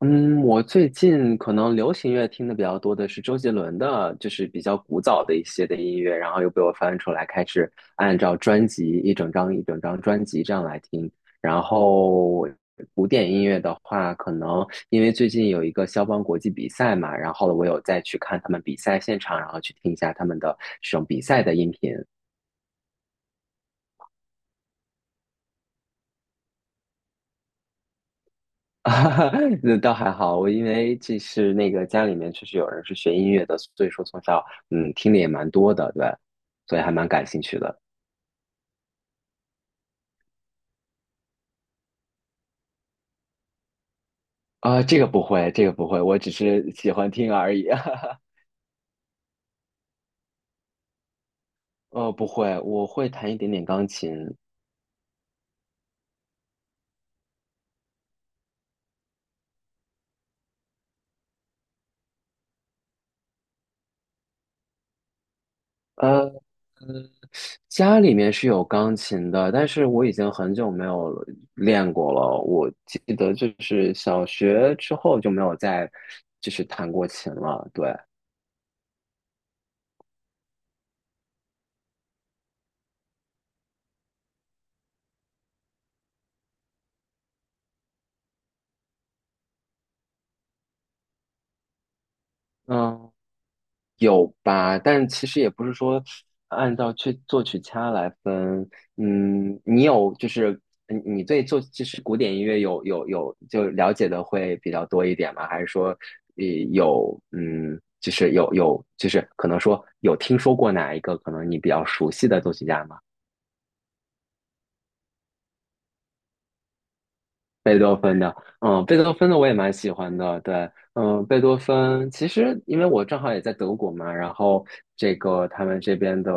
嗯，我最近可能流行乐听的比较多的是周杰伦的，就是比较古早的一些的音乐，然后又被我翻出来，开始按照专辑一整张一整张专辑这样来听。然后古典音乐的话，可能因为最近有一个肖邦国际比赛嘛，然后我有再去看他们比赛现场，然后去听一下他们的这种比赛的音频。啊 那倒还好，我因为这是那个家里面确实有人是学音乐的，所以说从小听的也蛮多的，对，所以还蛮感兴趣的。啊、这个不会，这个不会，我只是喜欢听而已。不会，我会弹一点点钢琴。呃，家里面是有钢琴的，但是我已经很久没有练过了。我记得就是小学之后就没有再就是弹过琴了。对，嗯。有吧，但其实也不是说按照去作曲家来分，嗯，你有就是嗯你对作就是古典音乐有就了解的会比较多一点吗？还是说，呃，有嗯，就是有有就是可能说有听说过哪一个可能你比较熟悉的作曲家吗？贝多芬的，贝多芬的我也蛮喜欢的，对，贝多芬其实因为我正好也在德国嘛，然后这个他们这边的，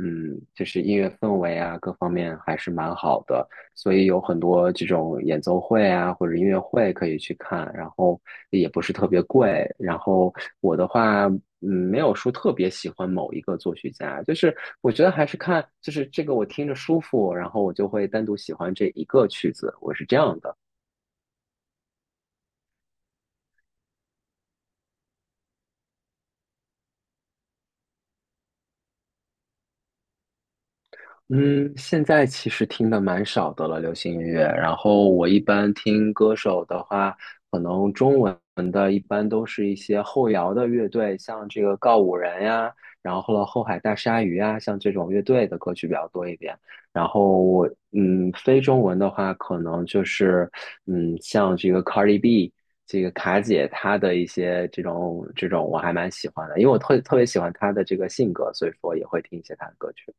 就是音乐氛围啊，各方面还是蛮好的，所以有很多这种演奏会啊或者音乐会可以去看，然后也不是特别贵，然后我的话。没有说特别喜欢某一个作曲家，就是我觉得还是看，就是这个我听着舒服，然后我就会单独喜欢这一个曲子，我是这样的。嗯，现在其实听的蛮少的了，流行音乐。然后我一般听歌手的话，可能中文的一般都是一些后摇的乐队，像这个告五人呀，然后了后海大鲨鱼呀，像这种乐队的歌曲比较多一点。然后我非中文的话，可能就是像这个 Cardi B。这个卡姐她的一些这种我还蛮喜欢的，因为我特别喜欢她的这个性格，所以说也会听一些她的歌曲。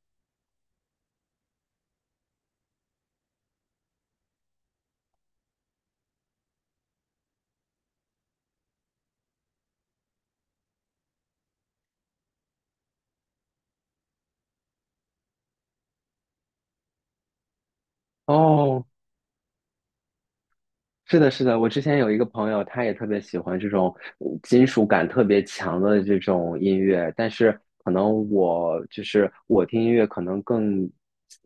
哦，是的，是的，我之前有一个朋友，他也特别喜欢这种金属感特别强的这种音乐，但是可能我就是我听音乐可能更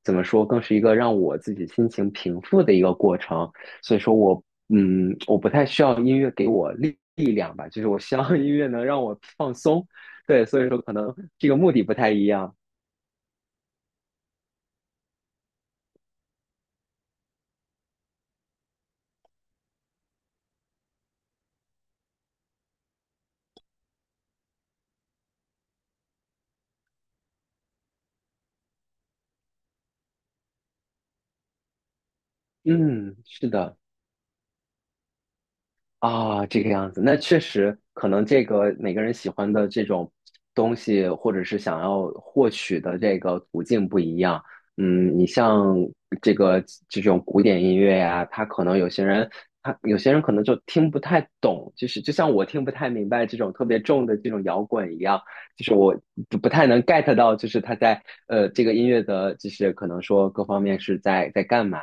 怎么说，更是一个让我自己心情平复的一个过程，所以说我不太需要音乐给我力量吧，就是我希望音乐能让我放松，对，所以说可能这个目的不太一样，嗯，是的。啊，这个样子，那确实可能这个每个人喜欢的这种东西，或者是想要获取的这个途径不一样。你像这个这种古典音乐呀，他有些人可能就听不太懂，就是就像我听不太明白这种特别重的这种摇滚一样，就是我不太能 get 到，就是他在这个音乐的，就是可能说各方面是在干嘛。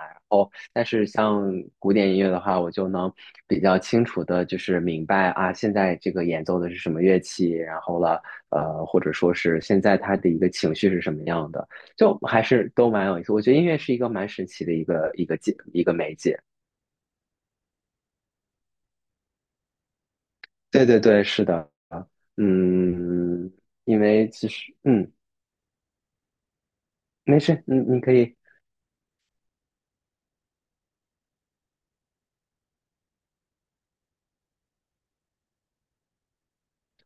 但是像古典音乐的话，我就能比较清楚的，就是明白啊，现在这个演奏的是什么乐器，然后了，或者说是现在他的一个情绪是什么样的，就还是都蛮有意思。我觉得音乐是一个蛮神奇的一个媒介。对对对，是的，嗯，因为其实嗯，没事，你可以。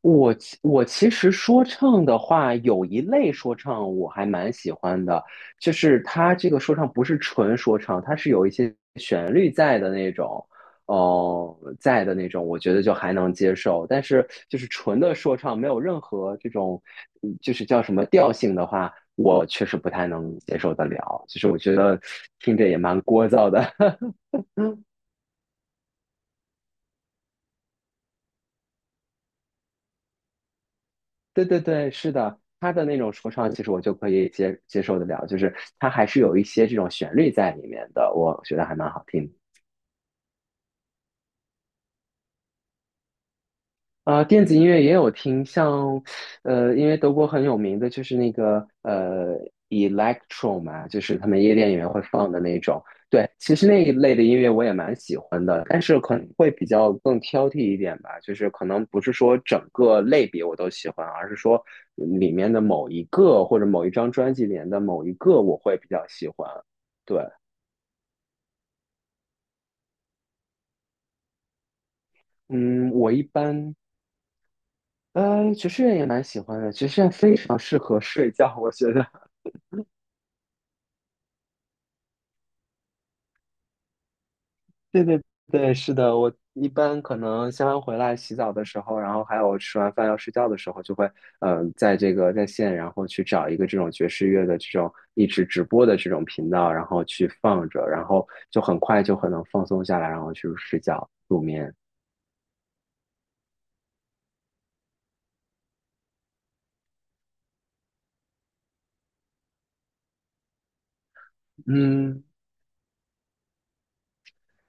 我其实说唱的话，有一类说唱我还蛮喜欢的，就是它这个说唱不是纯说唱，它是有一些旋律在的那种，哦、在的那种，我觉得就还能接受。但是就是纯的说唱，没有任何这种，就是叫什么调性的话，我确实不太能接受得了。其实我觉得听着也蛮聒噪的。对对对，是的，他的那种说唱，其实我就可以接受得了，就是他还是有一些这种旋律在里面的，我觉得还蛮好听的。啊、电子音乐也有听，像，因为德国很有名的就是那个electro 嘛，就是他们夜店里面会放的那种。对，其实那一类的音乐我也蛮喜欢的，但是可能会比较更挑剔一点吧，就是可能不是说整个类别我都喜欢，而是说里面的某一个或者某一张专辑里面的某一个我会比较喜欢。对，嗯，我一般。爵士乐也蛮喜欢的，爵士乐非常适合睡觉，我觉得。对对对，是的，我一般可能下班回来洗澡的时候，然后还有吃完饭要睡觉的时候，就会在这个在线，然后去找一个这种爵士乐的这种一直直播的这种频道，然后去放着，然后就很快就很能放松下来，然后去睡觉入眠。嗯，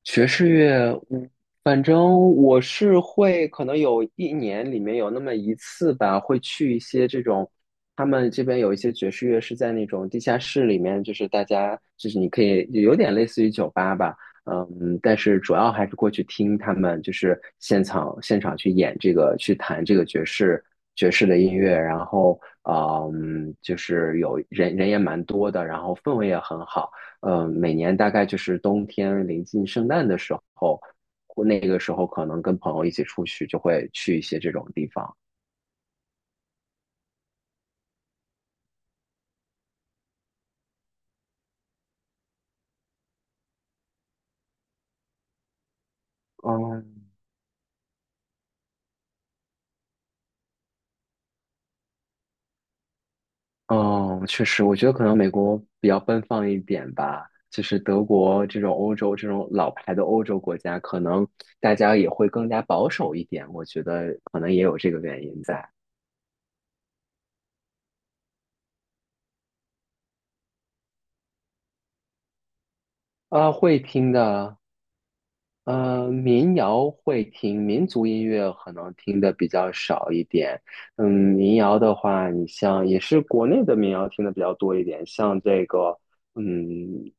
爵士乐，反正我是会，可能有一年里面有那么一次吧，会去一些这种，他们这边有一些爵士乐是在那种地下室里面，就是大家就是你可以有点类似于酒吧吧，但是主要还是过去听他们就是现场去演这个去弹这个爵士的音乐，然后就是有人也蛮多的，然后氛围也很好。每年大概就是冬天临近圣诞的时候，或那个时候可能跟朋友一起出去，就会去一些这种地方。嗯嗯，确实，我觉得可能美国比较奔放一点吧。就是德国这种欧洲这种老牌的欧洲国家，可能大家也会更加保守一点。我觉得可能也有这个原因在。啊，会听的，民谣会听，民族音乐可能听的比较少一点。民谣的话，你像也是国内的民谣听的比较多一点，像这个，嗯，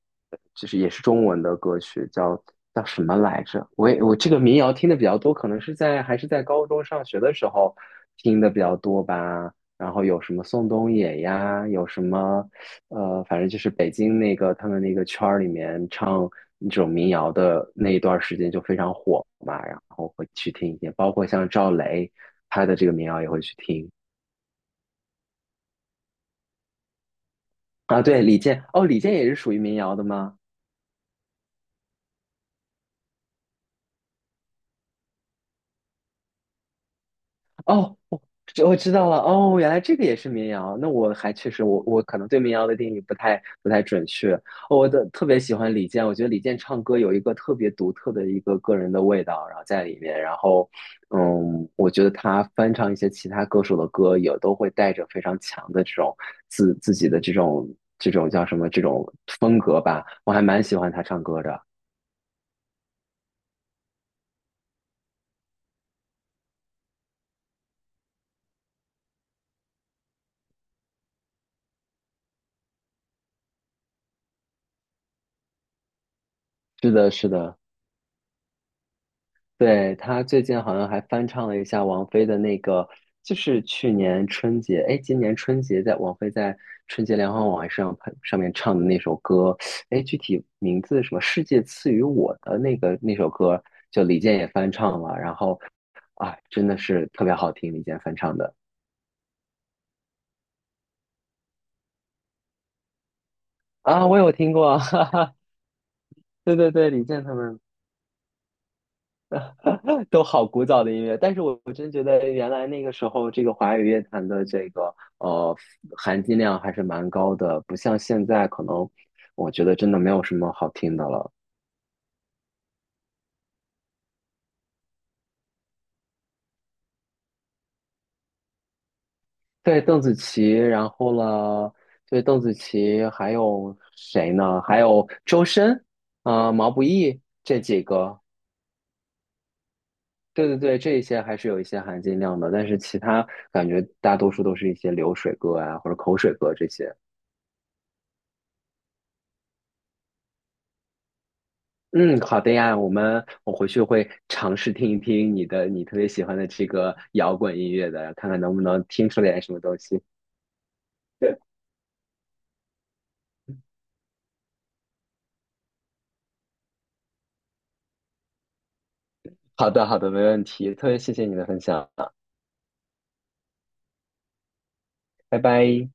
就是也是中文的歌曲，叫什么来着？我这个民谣听的比较多，可能是在还是在高中上学的时候听的比较多吧。然后有什么宋冬野呀，有什么反正就是北京那个他们那个圈儿里面唱那种民谣的那一段时间就非常火嘛，然后会去听一些，包括像赵雷他的这个民谣也会去听啊。对，李健，哦，李健也是属于民谣的吗？哦，我知道了。哦，原来这个也是民谣。那我还确实，我可能对民谣的定义不太准确。哦我的特别喜欢李健，我觉得李健唱歌有一个特别独特的一个个人的味道，然后在里面。然后，我觉得他翻唱一些其他歌手的歌，也都会带着非常强的这种自己的这种叫什么这种风格吧。我还蛮喜欢他唱歌的。是的，是的。对，他最近好像还翻唱了一下王菲的那个，就是去年春节，哎，今年春节在王菲在春节联欢晚会上上面唱的那首歌，哎，具体名字什么《世界赐予我的》那首歌，就李健也翻唱了，然后啊，真的是特别好听，李健翻唱的。啊，我有听过啊，哈哈，对对对，李健他们 都好古早的音乐，但是我真觉得原来那个时候，这个华语乐坛的这个含金量还是蛮高的，不像现在可能，我觉得真的没有什么好听的了。对，邓紫棋，然后呢，对，邓紫棋，还有谁呢？还有周深，毛不易这几个，对对对，这一些还是有一些含金量的，但是其他感觉大多数都是一些流水歌啊，或者口水歌这些。嗯，好的呀，我回去会尝试听一听你特别喜欢的这个摇滚音乐的，看看能不能听出来点什么东西。好的，好的，没问题，特别谢谢你的分享啊，拜拜。